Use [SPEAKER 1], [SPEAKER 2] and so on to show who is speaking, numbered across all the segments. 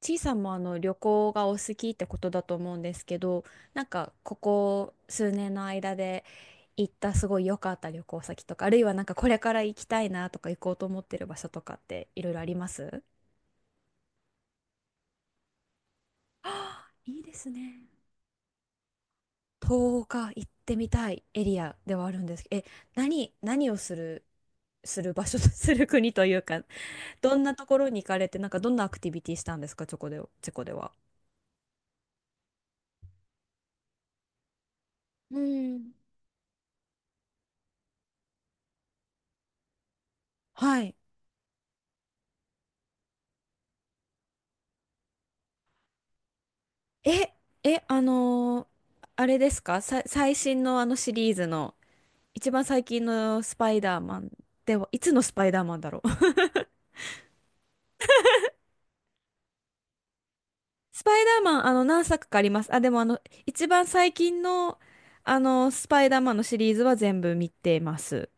[SPEAKER 1] ちいさんもあの旅行がお好きってことだと思うんですけど、なんかここ数年の間で行ったすごい良かった旅行先とか、あるいはなんかこれから行きたいなとか行こうと思ってる場所とかっていろいろあります？あー いいですね。東岡行ってみたいエリアではあるんですけど、何をする、する場所、する国というか、どんなところに行かれて、なんかどんなアクティビティしたんですか、チェコでは？うん。はい。え、え、あのーあれですかさ、最新のあのシリーズの、一番最近のスパイダーマン？では、いつのスパイダーマンだろう？ スパイダーマン、何作かあります。あ、でも一番最近の、スパイダーマンのシリーズは全部見てます。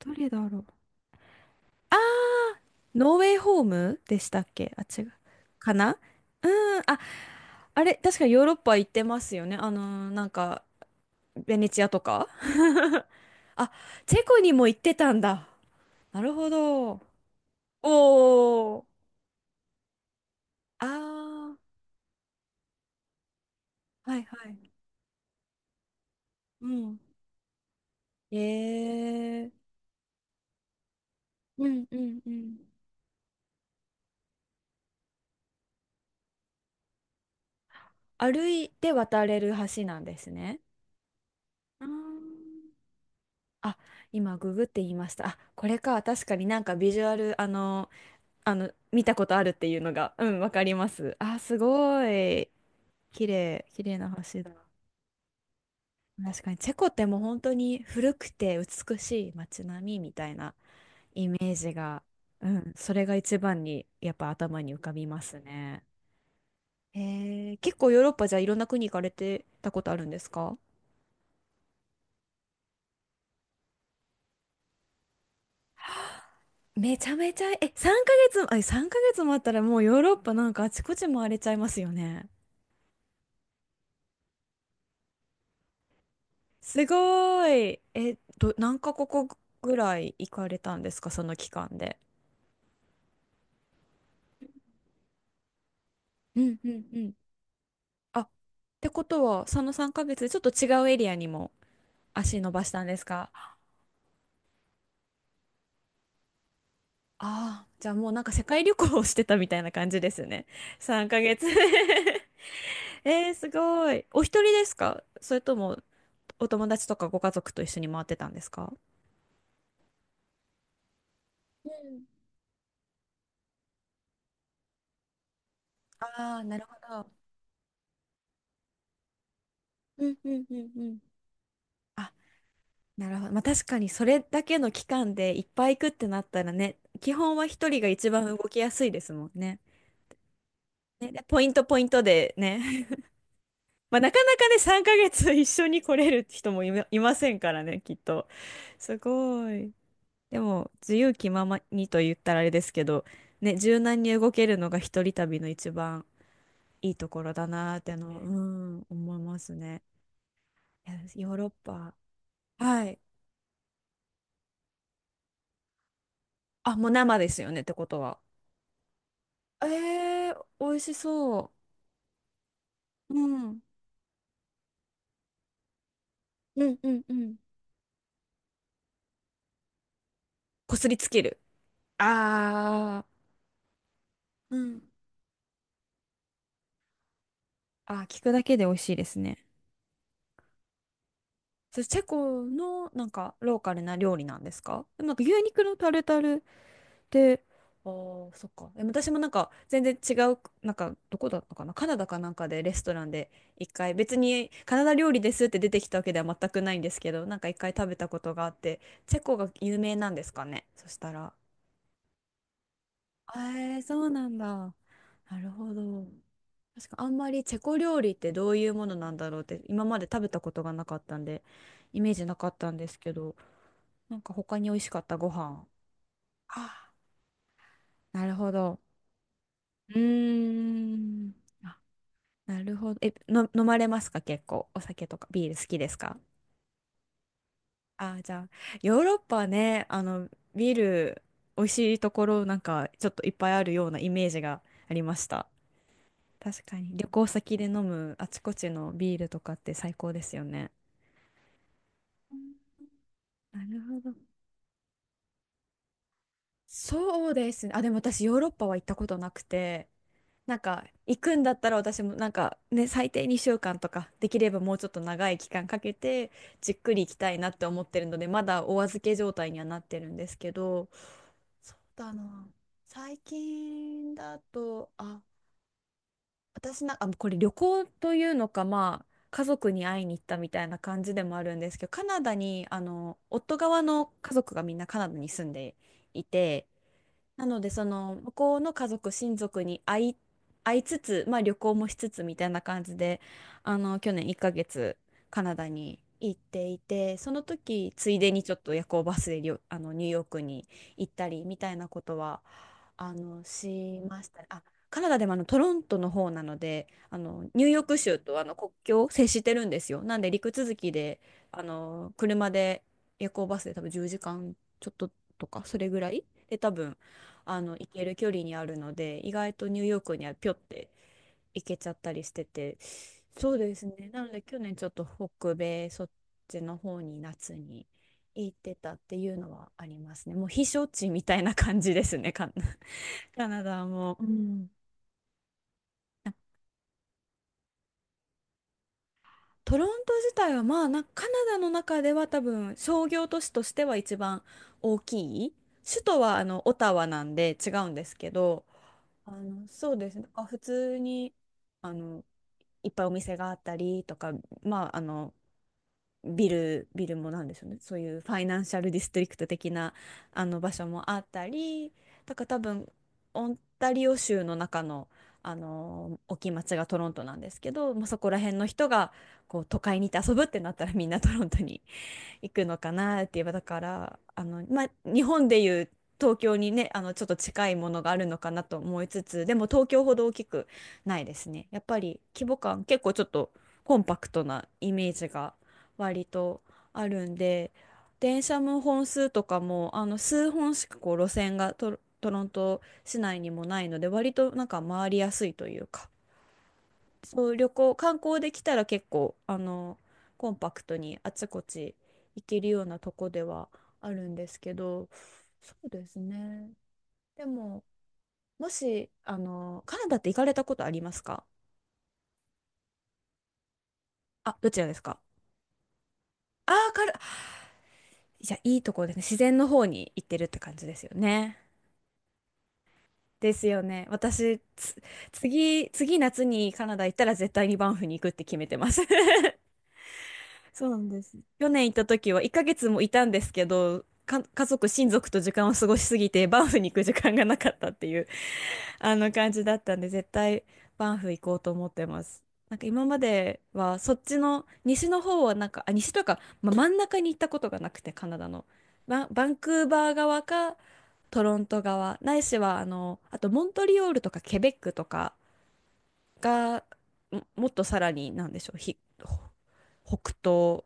[SPEAKER 1] どれだろう？ノーウェイホームでしたっけ？あ、違う。かな？うーあ、あれ、確かヨーロッパ行ってますよね。なんか、ベネチアとか あ、チェコにも行ってたんだ。なるほど。おー。あー、はいはい。うん。ええ。うんうんうん。歩いて渡れる橋なんですね。あー。あ、今ググって言いました。あ、これか。確かになんかビジュアル、見たことあるっていうのが、うん、わかります。あ、すごい。綺麗な橋だ。確かにチェコってもう本当に古くて美しい街並みみたいなイメージが、うん、それが一番にやっぱ頭に浮かびますね。結構ヨーロッパじゃあいろんな国行かれてたことあるんですか？めちゃめちゃ、3ヶ月、あ、3ヶ月もあったらもうヨーロッパなんかあちこち回れちゃいますよね。すごい。何カ国ぐらい行かれたんですかその期間で？うんうんうん。あ、ってことは、その3ヶ月でちょっと違うエリアにも足伸ばしたんですか？ああ、じゃあもうなんか世界旅行をしてたみたいな感じですね。3ヶ月 すごい。お一人ですか？それともお友達とかご家族と一緒に回ってたんですか？うん。ああー、なるほど。うんうんうんうん。あ、なるほど。まあ確かにそれだけの期間でいっぱい行くってなったらね、基本は一人が一番動きやすいですもんね。ね、でポイントポイントでね。まあなかなかね、3ヶ月一緒に来れる人もいませんからね、きっと。すごい。でも、自由気ままにと言ったらあれですけど、ね、柔軟に動けるのが一人旅の一番いいところだなーっての、うん、思いますね。いやヨーロッパ。はい。あ、もう生ですよね、ってことは。美味しそう。うん。うんうんうん。こすりつける。あー。うん。あー、聞くだけで美味しいですね。それチェコのなんかローカルな料理なんですか？でもなんか牛肉のタルタルで、あー、そっか。でも私もなんか全然違う、なんかどこだったかな、カナダかなんかでレストランで一回、別にカナダ料理ですって出てきたわけでは全くないんですけど、なんか一回食べたことがあって、チェコが有名なんですかね、そしたら。そうなんだ。なるほど。確かあんまりチェコ料理ってどういうものなんだろうって今まで食べたことがなかったんで、イメージなかったんですけど、なんか他に美味しかったご飯？あ、なるほど。うーん。なるほど。飲まれますか結構？お酒とかビール好きですか？あー、じゃあ、ヨーロッパはね、ビール、美味しいところなんか、ちょっといっぱいあるようなイメージがありました。確かに。旅行先で飲むあちこちのビールとかって最高ですよね。なるほど。そうですね。あ、でも私、ヨーロッパは行ったことなくて、なんか行くんだったら私もなんかね最低2週間とかできればもうちょっと長い期間かけてじっくり行きたいなって思ってるのでまだお預け状態にはなってるんですけど、そうだな、最近だと、あ、私なんか、あ、これ旅行というのか、まあ家族に会いに行ったみたいな感じでもあるんですけど、カナダにあの夫側の家族がみんなカナダに住んでいて。なので、その、向こうの家族、親族に会いつつ、まあ旅行もしつつみたいな感じで、去年1ヶ月、カナダに行っていて、その時、ついでにちょっと夜行バスでりょ、あの、ニューヨークに行ったり、みたいなことは、しましたね。あ、カナダでもトロントの方なので、ニューヨーク州と国境を接してるんですよ。なんで、陸続きで、車で、夜行バスで多分10時間ちょっととか、それぐらいで多分、行ける距離にあるので意外とニューヨークにはぴょって行けちゃったりしてて、そうですね、なので去年ちょっと北米そっちの方に夏に行ってたっていうのはありますね。もう避暑地みたいな感じですね、カナダはもう。うん。トロント自体はまあな、カナダの中では多分商業都市としては一番大きい。首都はあのオタワなんで違うんですけど、そうですね。なんか普通に、あの、いっぱいお店があったりとか、まあ、ビルもなんでしょうね。そういうファイナンシャルディストリクト的な、あの場所もあったり、だから多分、オンタリオ州の中の、大きい町がトロントなんですけど、まあ、そこら辺の人が、こう、都会に行って遊ぶってなったらみんなトロントに行くのかなって言えば、だからまあ、日本でいう東京にね、ちょっと近いものがあるのかなと思いつつ、でも東京ほど大きくないですね。やっぱり規模感結構ちょっとコンパクトなイメージが割とあるんで、電車も本数とかも数本しかこう路線がトロント市内にもないので、割となんか回りやすいというか、そう、旅行観光できたら結構コンパクトにあちこち行けるようなとこではあるんですけど、そうですね、でももしあのカナダって行かれたことありますか？あ、どちらですか？ああー、じゃあいいとこですね、自然の方に行ってるって感じですよね。ですよね、次夏にカナダ行ったら絶対にバンフに行くって決めてます。 そうなんです。去年行った時は1ヶ月もいたんですけど、家族、親族と時間を過ごしすぎて、バンフに行く時間がなかったっていう あの感じだったんで、絶対バンフ行こうと思ってます。なんか今までは、そっちの、西の方はなんか、西というか、真ん中に行ったことがなくて、カナダの。バンクーバー側か、トロント側、ないしは、あとモントリオールとかケベックとかが、もっとさらに、なんでしょう、ひ、北東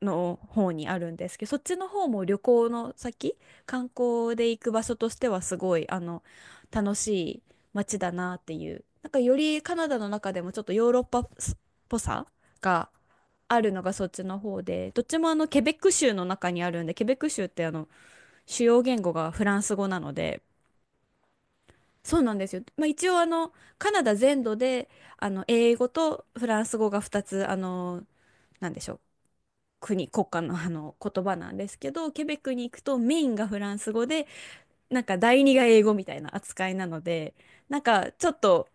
[SPEAKER 1] の方にあるんですけど、そっちの方も旅行の先、観光で行く場所としてはすごい、楽しい街だなっていう。なんかよりカナダの中でもちょっとヨーロッパっぽさがあるのがそっちの方で、どっちもあのケベック州の中にあるんで、ケベック州ってあの主要言語がフランス語なので、そうなんですよ。まあ、一応あのカナダ全土であの英語とフランス語が2つあのなんでしょう国家のあの言葉なんですけど、ケベックに行くとメインがフランス語で、なんか第二が英語みたいな扱いなので、なんかちょっと、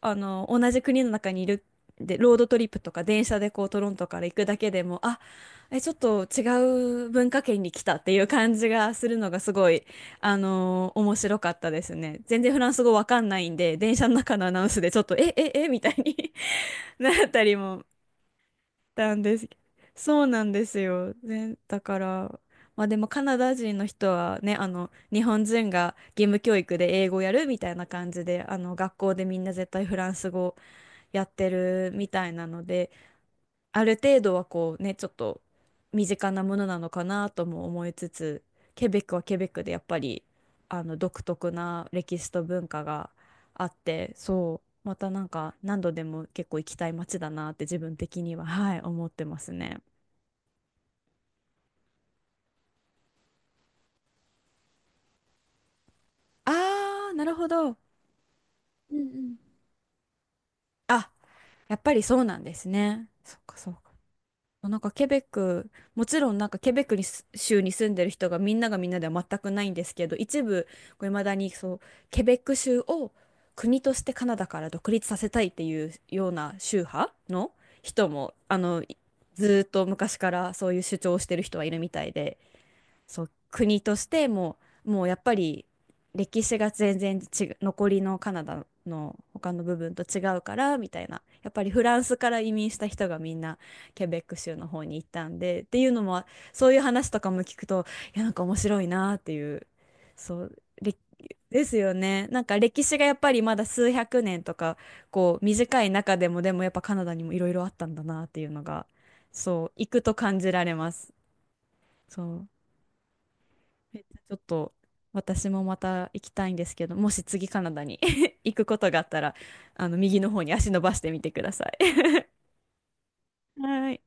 [SPEAKER 1] あの、同じ国の中にいるで、ロードトリップとか電車でこうトロントから行くだけでも、ちょっと違う文化圏に来たっていう感じがするのがすごい、面白かったですね。全然フランス語わかんないんで、電車の中のアナウンスでちょっと、みたいに なったりもたんです。そうなんですよ。ね、だから、まあでもカナダ人の人はね、あの、日本人が義務教育で英語やるみたいな感じで、あの、学校でみんな絶対フランス語やってるみたいなので、ある程度はこうね、ちょっと身近なものなのかなとも思いつつ、ケベックはケベックでやっぱりあの独特な歴史と文化があって、そう、またなんか何度でも結構行きたい街だなって自分的には、はい、思ってますね。あー、なるほど。うんうんあ、やっぱりそうなんですね。そっかそっなんかケベック、もちろんなんかケベックに州に住んでる人がみんながみんなでは全くないんですけど、一部、こう未だにそう、ケベック州を国としてカナダから独立させたいっていうような宗派の人も、ずーっと昔からそういう主張をしてる人はいるみたいで。そう、国としてもうやっぱり歴史が全然違う、残りのカナダの他の部分と違うからみたいな、やっぱりフランスから移民した人がみんなケベック州の方に行ったんでっていうのも、そういう話とかも聞くと、いや、なんか面白いなっていう、そう、れですよね。なんか歴史がやっぱりまだ数百年とか、こう短い中でも、でもやっぱカナダにもいろいろあったんだなっていうのが、そう、行くと感じられます。そうめっちゃちょっと私もまた行きたいんですけど、もし次カナダに 行くことがあったら、あの右の方に足伸ばしてみてください。はい。